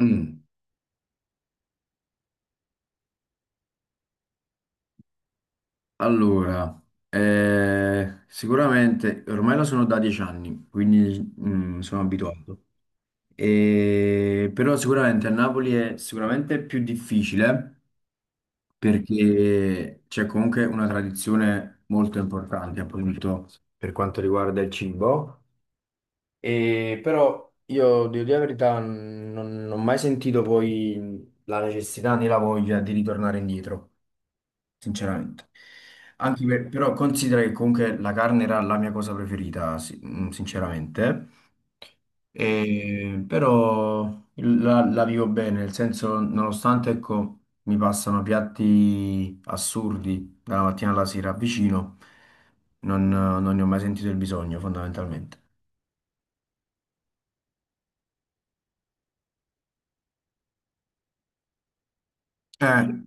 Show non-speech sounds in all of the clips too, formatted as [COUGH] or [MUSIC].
Mm, Allora, sicuramente ormai lo sono da 10 anni, quindi sono abituato. Però sicuramente a Napoli è sicuramente più difficile perché c'è comunque una tradizione molto importante, appunto, per quanto riguarda il cibo. E però io, devo dire la verità, non ho mai sentito poi la necessità né la voglia di ritornare indietro, sinceramente. Però considera che comunque la carne era la mia cosa preferita, sinceramente. Però la vivo bene, nel senso, nonostante ecco, mi passano piatti assurdi dalla mattina alla sera vicino. Non ne ho mai sentito il bisogno, fondamentalmente. Eh,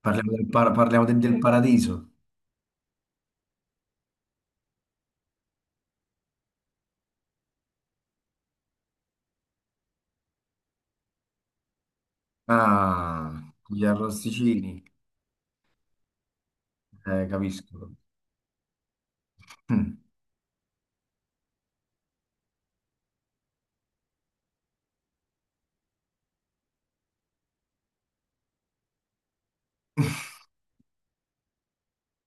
parliamo del paradiso. Ah, gli arrosticini, capisco. [CLEARS THROAT] Mm.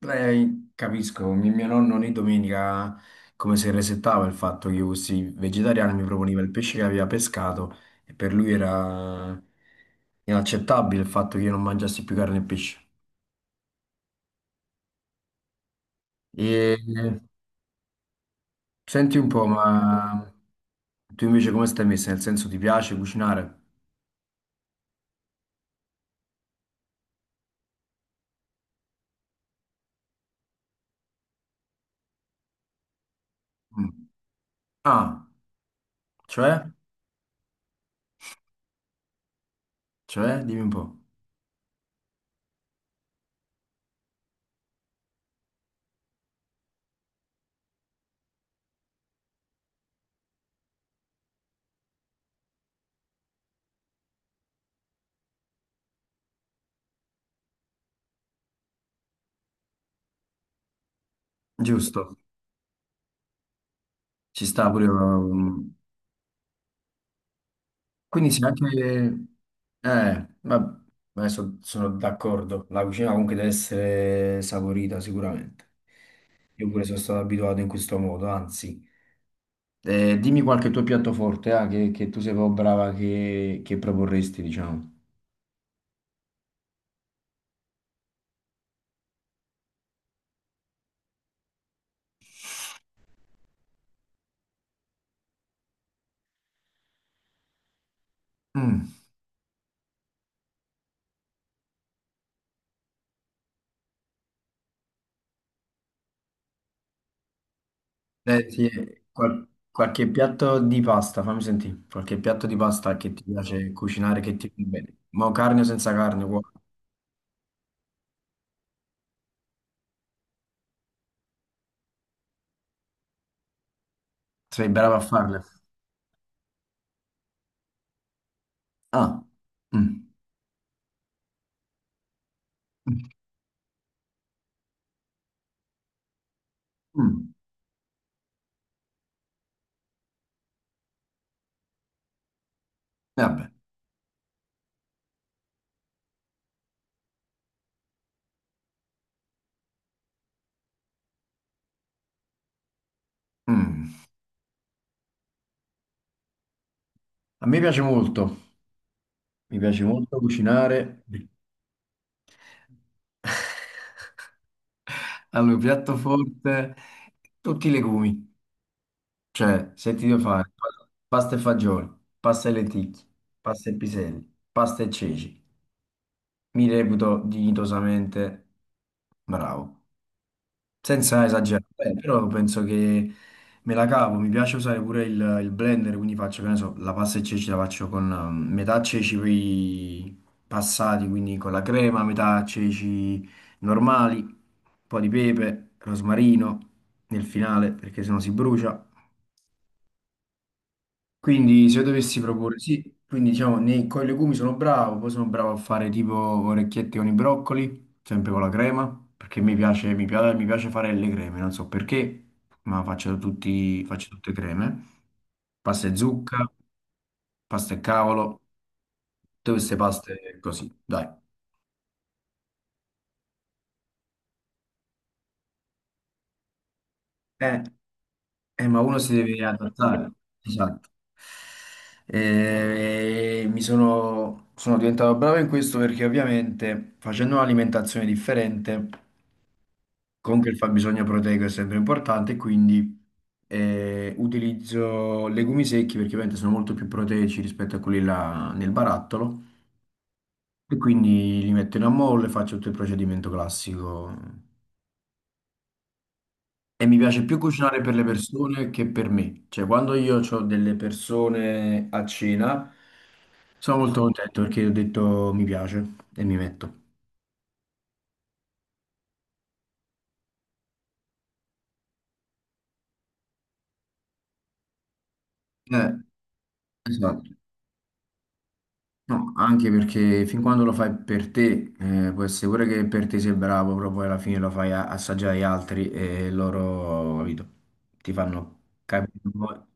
Capisco, mio nonno ogni domenica come se resettava il fatto che io fossi vegetariano, mi proponeva il pesce che aveva pescato, e per lui era inaccettabile il fatto che io non mangiassi più carne e pesce. E senti un po', ma tu invece come stai messa? Nel senso, ti piace cucinare? Mm. Ah, cioè? Cioè? Dimmi un po'. Giusto, ci sta pure. Quindi se anche... Ma adesso sono d'accordo, la cucina comunque deve essere saporita sicuramente. Io pure sono stato abituato in questo modo, anzi. Dimmi qualche tuo piatto forte, ah, che tu sei proprio brava, che proporresti, diciamo. Mm, sì, qualche piatto di pasta, fammi sentire, qualche piatto di pasta che ti piace cucinare, che ti va bene. Ma carne o senza carne, qua. Sei brava a farle. Ah, mm. Mm. Mm. Vabbè. Mm. A me piace molto, mi piace molto cucinare. [LAUGHS] Allora, piatto forte, tutti i legumi. Cioè, se ti devo fare pasta e fagioli, pasta e lenticchie, pasta e piselli, pasta e ceci, mi reputo dignitosamente bravo, senza esagerare. Beh, però penso che me la cavo. Mi piace usare pure il blender, quindi faccio, che ne so, la pasta e ceci la faccio con metà ceci poi passati, quindi con la crema, metà ceci normali, un po' di pepe, rosmarino nel finale, perché sennò si brucia. Quindi se io dovessi proporre, sì, quindi diciamo nei, con i legumi sono bravo, poi sono bravo a fare tipo orecchiette con i broccoli, sempre con la crema, perché mi piace fare le creme, non so perché, ma faccio tutte creme, pasta e zucca, pasta e cavolo, tutte queste paste così, dai. Eh, ma uno si deve adattare, esatto. Mi sono diventato bravo in questo perché ovviamente facendo un'alimentazione differente, comunque il fabbisogno proteico è sempre importante, e quindi utilizzo legumi secchi perché ovviamente sono molto più proteici rispetto a quelli là nel barattolo, e quindi li metto in ammollo e faccio tutto il procedimento classico. E mi piace più cucinare per le persone che per me. Cioè, quando io ho delle persone a cena, sono molto contento perché ho detto mi piace e mi metto. Eh, esatto. No, anche perché fin quando lo fai per te, può essere pure che per te sei bravo, però poi alla fine lo fai assaggiare agli altri e loro, capito, ti fanno capire.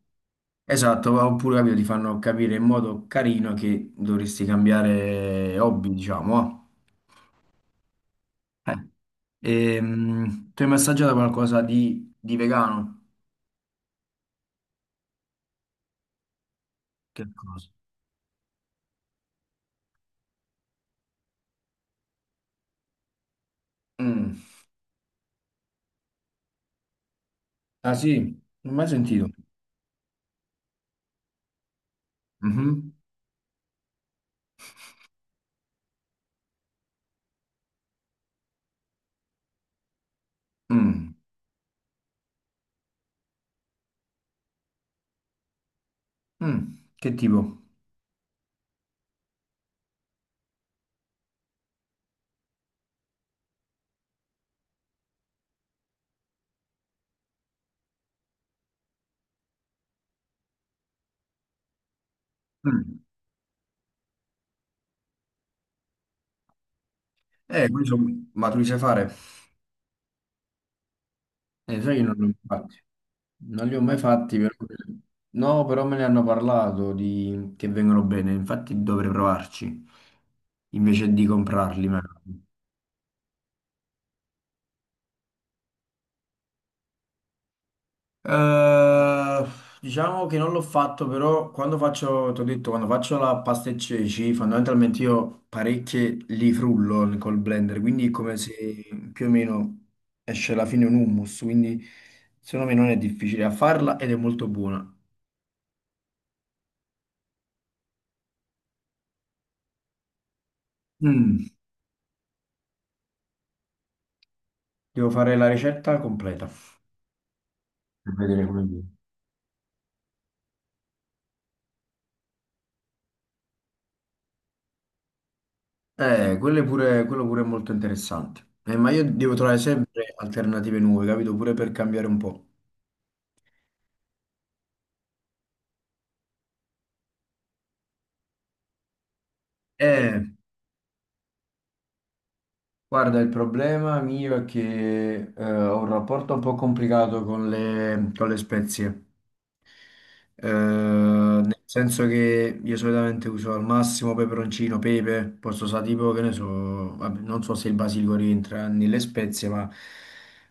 Esatto, oppure capito, ti fanno capire in modo carino che dovresti cambiare hobby, diciamo. eh. Tu hai mai assaggiato qualcosa di vegano? Che cosa? Mm. Ah, sì? Non ho mai sentito. Mhm. Mm. Mm. Che tipo? Mm. Eh, questo, ma tu li sai fare? Sai che non li ho mai fatti. Non li ho mai fatti, però... No, però me ne hanno parlato di... che vengono bene, infatti dovrei provarci, invece di comprarli. Ma- Eh, diciamo che non l'ho fatto, però quando faccio, ti ho detto, quando faccio la pasta e ceci, fondamentalmente io parecchie li frullo col blender, quindi è come se più o meno esce alla fine un hummus. Quindi secondo me non è difficile a farla ed è molto buona. Mm. Devo fare la ricetta completa, per vedere come viene. Quello è pure, quello pure è molto interessante. Ma io devo trovare sempre alternative nuove, capito? Pure per cambiare un po'. Eh, Guarda il problema mio è che ho un rapporto un po' complicato con con le spezie. Nel senso che io solitamente uso al massimo peperoncino, pepe, posso usare tipo che ne so, vabbè, non so se il basilico rientra nelle spezie, ma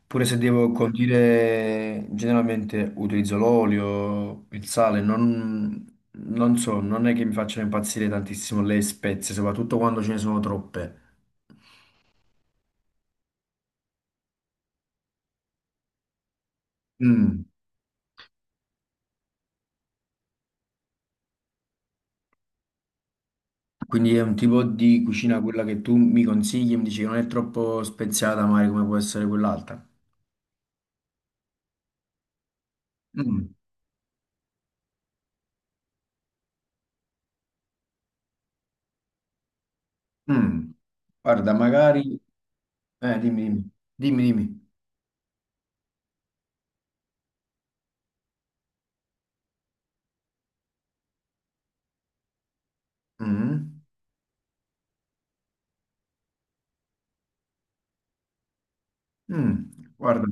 pure se devo condire, generalmente utilizzo l'olio, il sale, non so, non è che mi facciano impazzire tantissimo le spezie, soprattutto quando ce ne sono troppe. Mm. Quindi è un tipo di cucina quella che tu mi consigli, mi dici che non è troppo speziata, magari come può essere quell'altra. Mm, mm. Guarda, magari... Dimmi, dimmi, dimmi. Dimmi. Mm, mm. Guarda.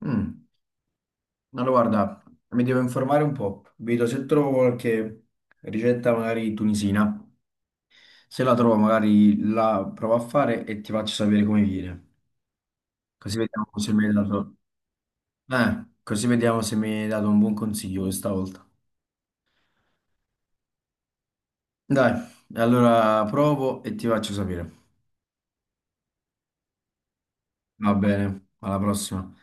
Mm. Allora, guarda, mi devo informare un po'. Vedo se trovo qualche ricetta magari tunisina. Se la trovo, magari la provo a fare e ti faccio sapere come viene. Così vediamo se mi hai dato... Così vediamo se mi hai dato un buon consiglio questa volta. Dai, allora provo e ti faccio sapere. Va bene, alla prossima.